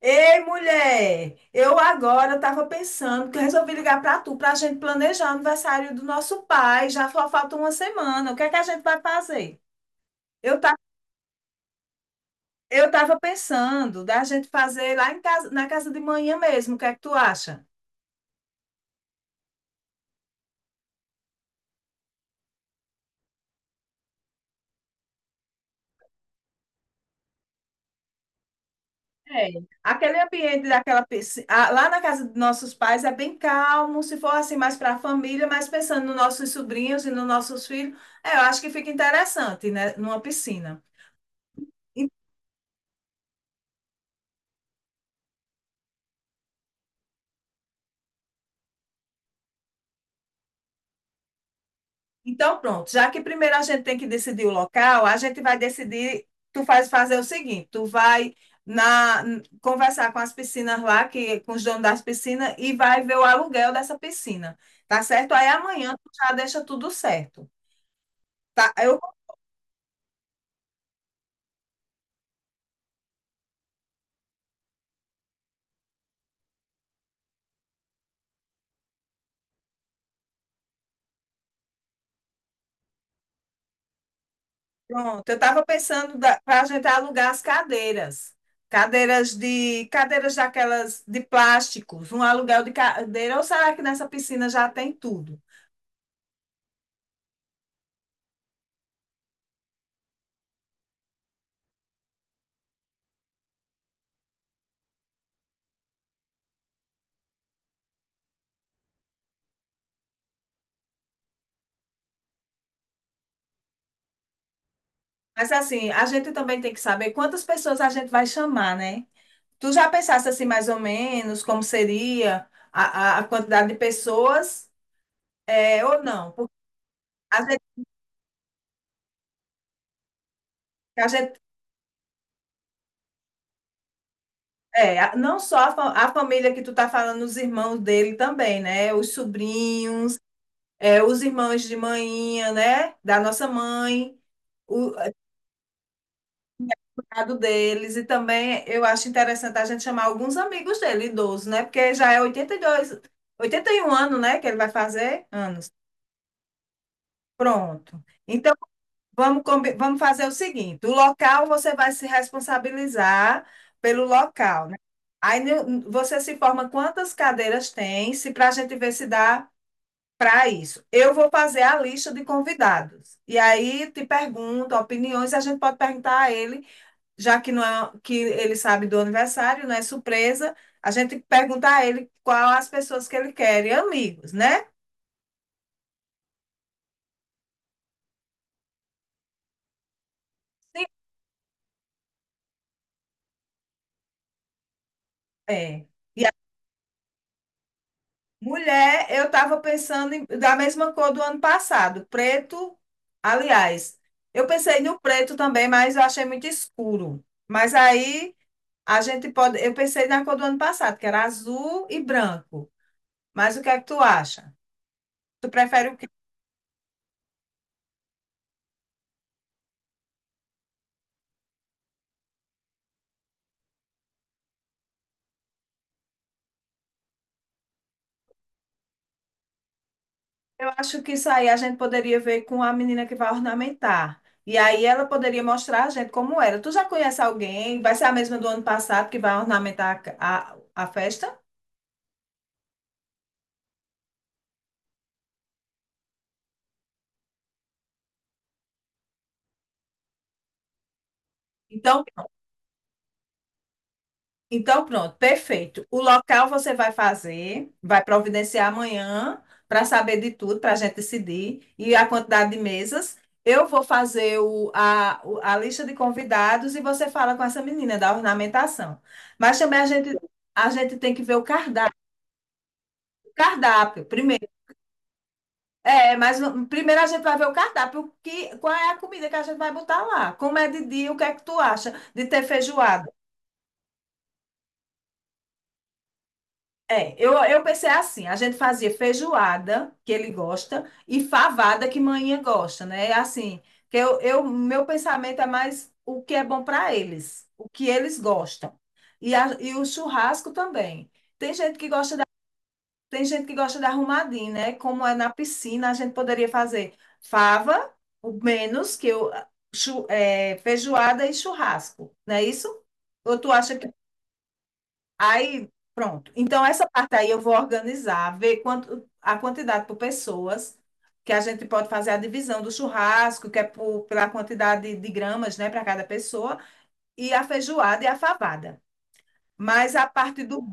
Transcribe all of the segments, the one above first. Ei, mulher, eu agora estava pensando que eu resolvi ligar para tu para a gente planejar o aniversário do nosso pai. Já só falta uma semana. O que é que a gente vai fazer? Eu tá, eu estava pensando da gente fazer lá em casa, na casa de manhã mesmo. O que é que tu acha? É. Aquele ambiente daquela piscina lá na casa dos nossos pais é bem calmo, se for assim mais para a família, mas pensando nos nossos sobrinhos e nos nossos filhos, é, eu acho que fica interessante, né, numa piscina. Então, pronto, já que primeiro a gente tem que decidir o local, a gente vai decidir, tu fazer o seguinte, tu vai conversar com as piscinas lá, que com os donos das piscinas, e vai ver o aluguel dessa piscina, tá certo? Aí amanhã tu já deixa tudo certo. Tá. Eu pronto, eu estava pensando para a gente alugar as cadeiras. Cadeiras de Cadeiras daquelas de plásticos, um aluguel de cadeira, ou será que nessa piscina já tem tudo? Mas assim, a gente também tem que saber quantas pessoas a gente vai chamar, né? Tu já pensaste assim, mais ou menos, como seria a quantidade de pessoas, é, ou não? Porque a gente, a gente- é, não só a família que tu tá falando, os irmãos dele também, né? Os sobrinhos, é, os irmãos de manhinha, né? Da nossa mãe. Mercado deles, e também eu acho interessante a gente chamar alguns amigos dele, idosos, né? Porque já é 82, 81 anos, né? Que ele vai fazer anos. Pronto. Então, vamos fazer o seguinte: o local você vai se responsabilizar pelo local, né? Aí no- Você se informa quantas cadeiras tem, se para a gente ver se dá para isso. Eu vou fazer a lista de convidados. E aí te pergunto opiniões, a gente pode perguntar a ele, já que não é, que ele sabe do aniversário, não é surpresa, a gente tem que perguntar a ele qual as pessoas que ele quer, e amigos, né? Sim. É. E a Mulher, eu estava pensando da mesma cor do ano passado, preto, aliás, eu pensei no preto também, mas eu achei muito escuro. Mas aí a gente pode, eu pensei na cor do ano passado, que era azul e branco. Mas o que é que tu acha? Tu prefere o... Eu acho que isso aí a gente poderia ver com a menina que vai ornamentar. E aí ela poderia mostrar a gente como era. Tu já conhece alguém? Vai ser a mesma do ano passado que vai ornamentar a festa? Então, pronto. Perfeito. O local você vai fazer, vai providenciar amanhã para saber de tudo, para a gente decidir, e a quantidade de mesas. Eu vou fazer a lista de convidados, e você fala com essa menina da ornamentação. Mas também a gente tem que ver o cardápio. Cardápio, primeiro. É, mas primeiro a gente vai ver o cardápio, o que, qual é a comida que a gente vai botar lá. Como é de dia, o que é que tu acha de ter feijoada? É, eu pensei assim, a gente fazia feijoada, que ele gosta, e favada, que manhã gosta, né? É. Assim, que meu pensamento é mais o que é bom para eles, o que eles gostam. E o churrasco também. Tem gente que gosta... Tem gente que gosta de arrumadinho, né? Como é na piscina, a gente poderia fazer fava, o menos que eu, é, feijoada e churrasco, não é isso? Ou tu acha que... Aí, pronto. Então, essa parte aí eu vou organizar, ver a quantidade por pessoas, que a gente pode fazer a divisão do churrasco, que é pela quantidade de gramas, né, para cada pessoa, e a feijoada e a favada. Mas a parte do...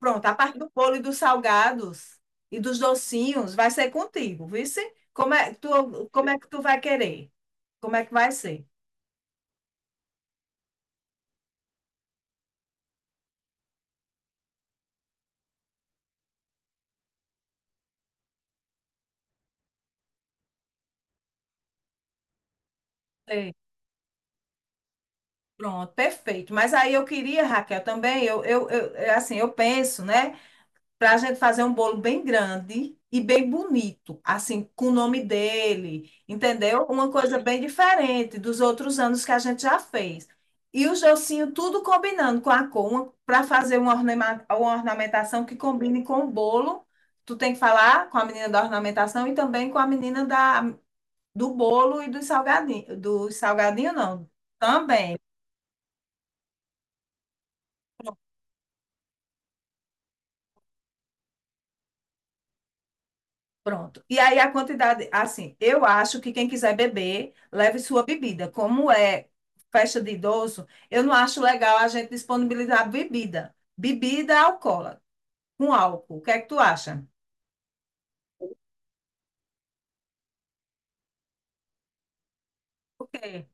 Pronto, a parte do bolo e dos salgados e dos docinhos vai ser contigo, vice? Como é, tu, como é que tu vai querer? Como é que vai ser? É. Pronto, perfeito. Mas aí eu queria, Raquel, também, é assim, eu penso, né? Para a gente fazer um bolo bem grande e bem bonito, assim, com o nome dele, entendeu? Uma coisa bem diferente dos outros anos que a gente já fez. E o Jocinho tudo combinando com a cor, para fazer uma, uma ornamentação que combine com o bolo. Tu tem que falar com a menina da ornamentação e também com a menina do bolo e dos salgadinhos. Dos salgadinhos, não. Também. Pronto. E aí a quantidade, assim, eu acho que quem quiser beber, leve sua bebida. Como é festa de idoso, eu não acho legal a gente disponibilizar bebida. Bebida alcoólica, com álcool. O que é que tu acha? O quê?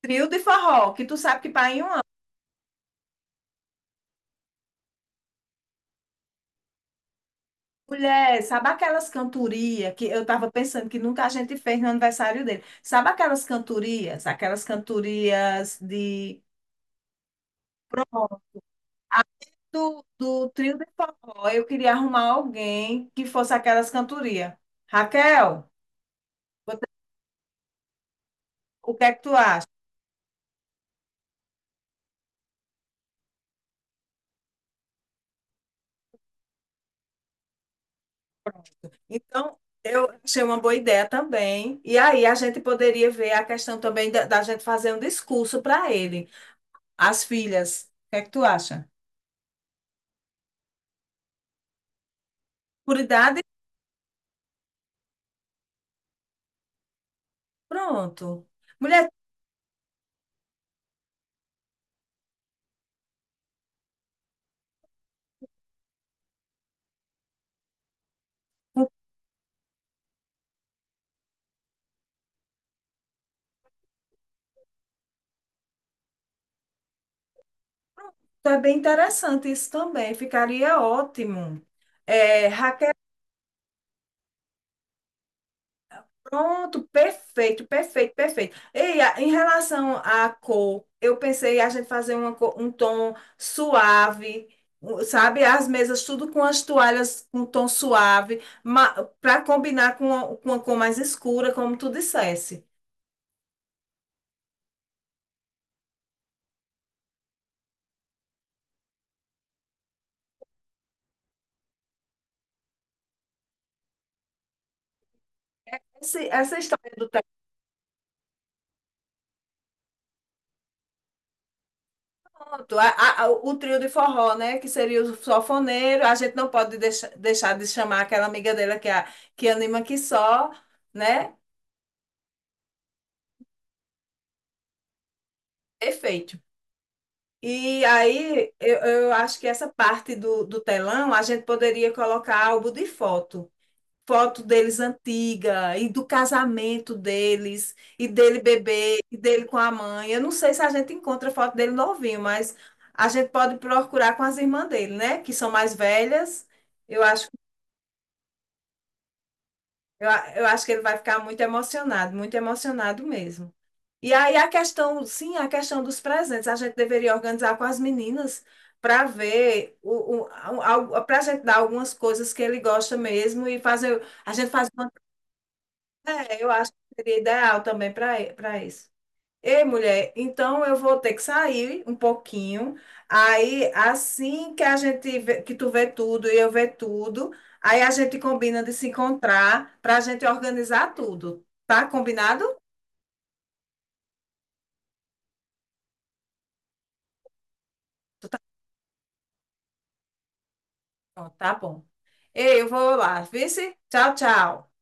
Trio de forró, que tu sabe que para em um ano. Mulher, sabe aquelas cantorias que eu estava pensando que nunca a gente fez no aniversário dele? Sabe aquelas cantorias de... Pronto, do trio de forró, eu queria arrumar alguém que fosse aquelas cantorias. Raquel, você- o que é que tu acha? Então, eu achei uma boa ideia também. E aí a gente poderia ver a questão também da gente fazer um discurso para ele, as filhas. O que é que tu acha? Por idade, pronto. Mulher, é bem interessante isso também, ficaria ótimo. É, Raquel. Pronto, perfeito, perfeito, perfeito. Em relação à cor, eu pensei a gente fazer uma um tom suave, sabe? As mesas tudo com as toalhas com tom suave, para combinar com a cor mais escura, como tu dissesse. Essa história do tanto, o trio de forró, né? Que seria o sanfoneiro, a gente não pode deixar de chamar aquela amiga dela que, é a, que anima que só, né? Perfeito. E aí, eu acho que essa parte do telão a gente poderia colocar álbum de foto. Foto deles antiga, e do casamento deles, e dele bebê, e dele com a mãe. Eu não sei se a gente encontra foto dele novinho, mas a gente pode procurar com as irmãs dele, né? Que são mais velhas. Eu acho eu acho que ele vai ficar muito emocionado mesmo. E aí a questão, sim, a questão dos presentes, a gente deveria organizar com as meninas para ver para a gente dar algumas coisas que ele gosta mesmo e fazer, a gente faz uma, é, eu acho que seria ideal também para isso. Ei, mulher, então eu vou ter que sair um pouquinho. Aí, assim que a gente vê, que tu vê tudo e eu vê tudo, aí a gente combina de se encontrar para a gente organizar tudo. Tá combinado? Pronto, tá bom. Ei, eu vou lá. Vice? Tchau, tchau.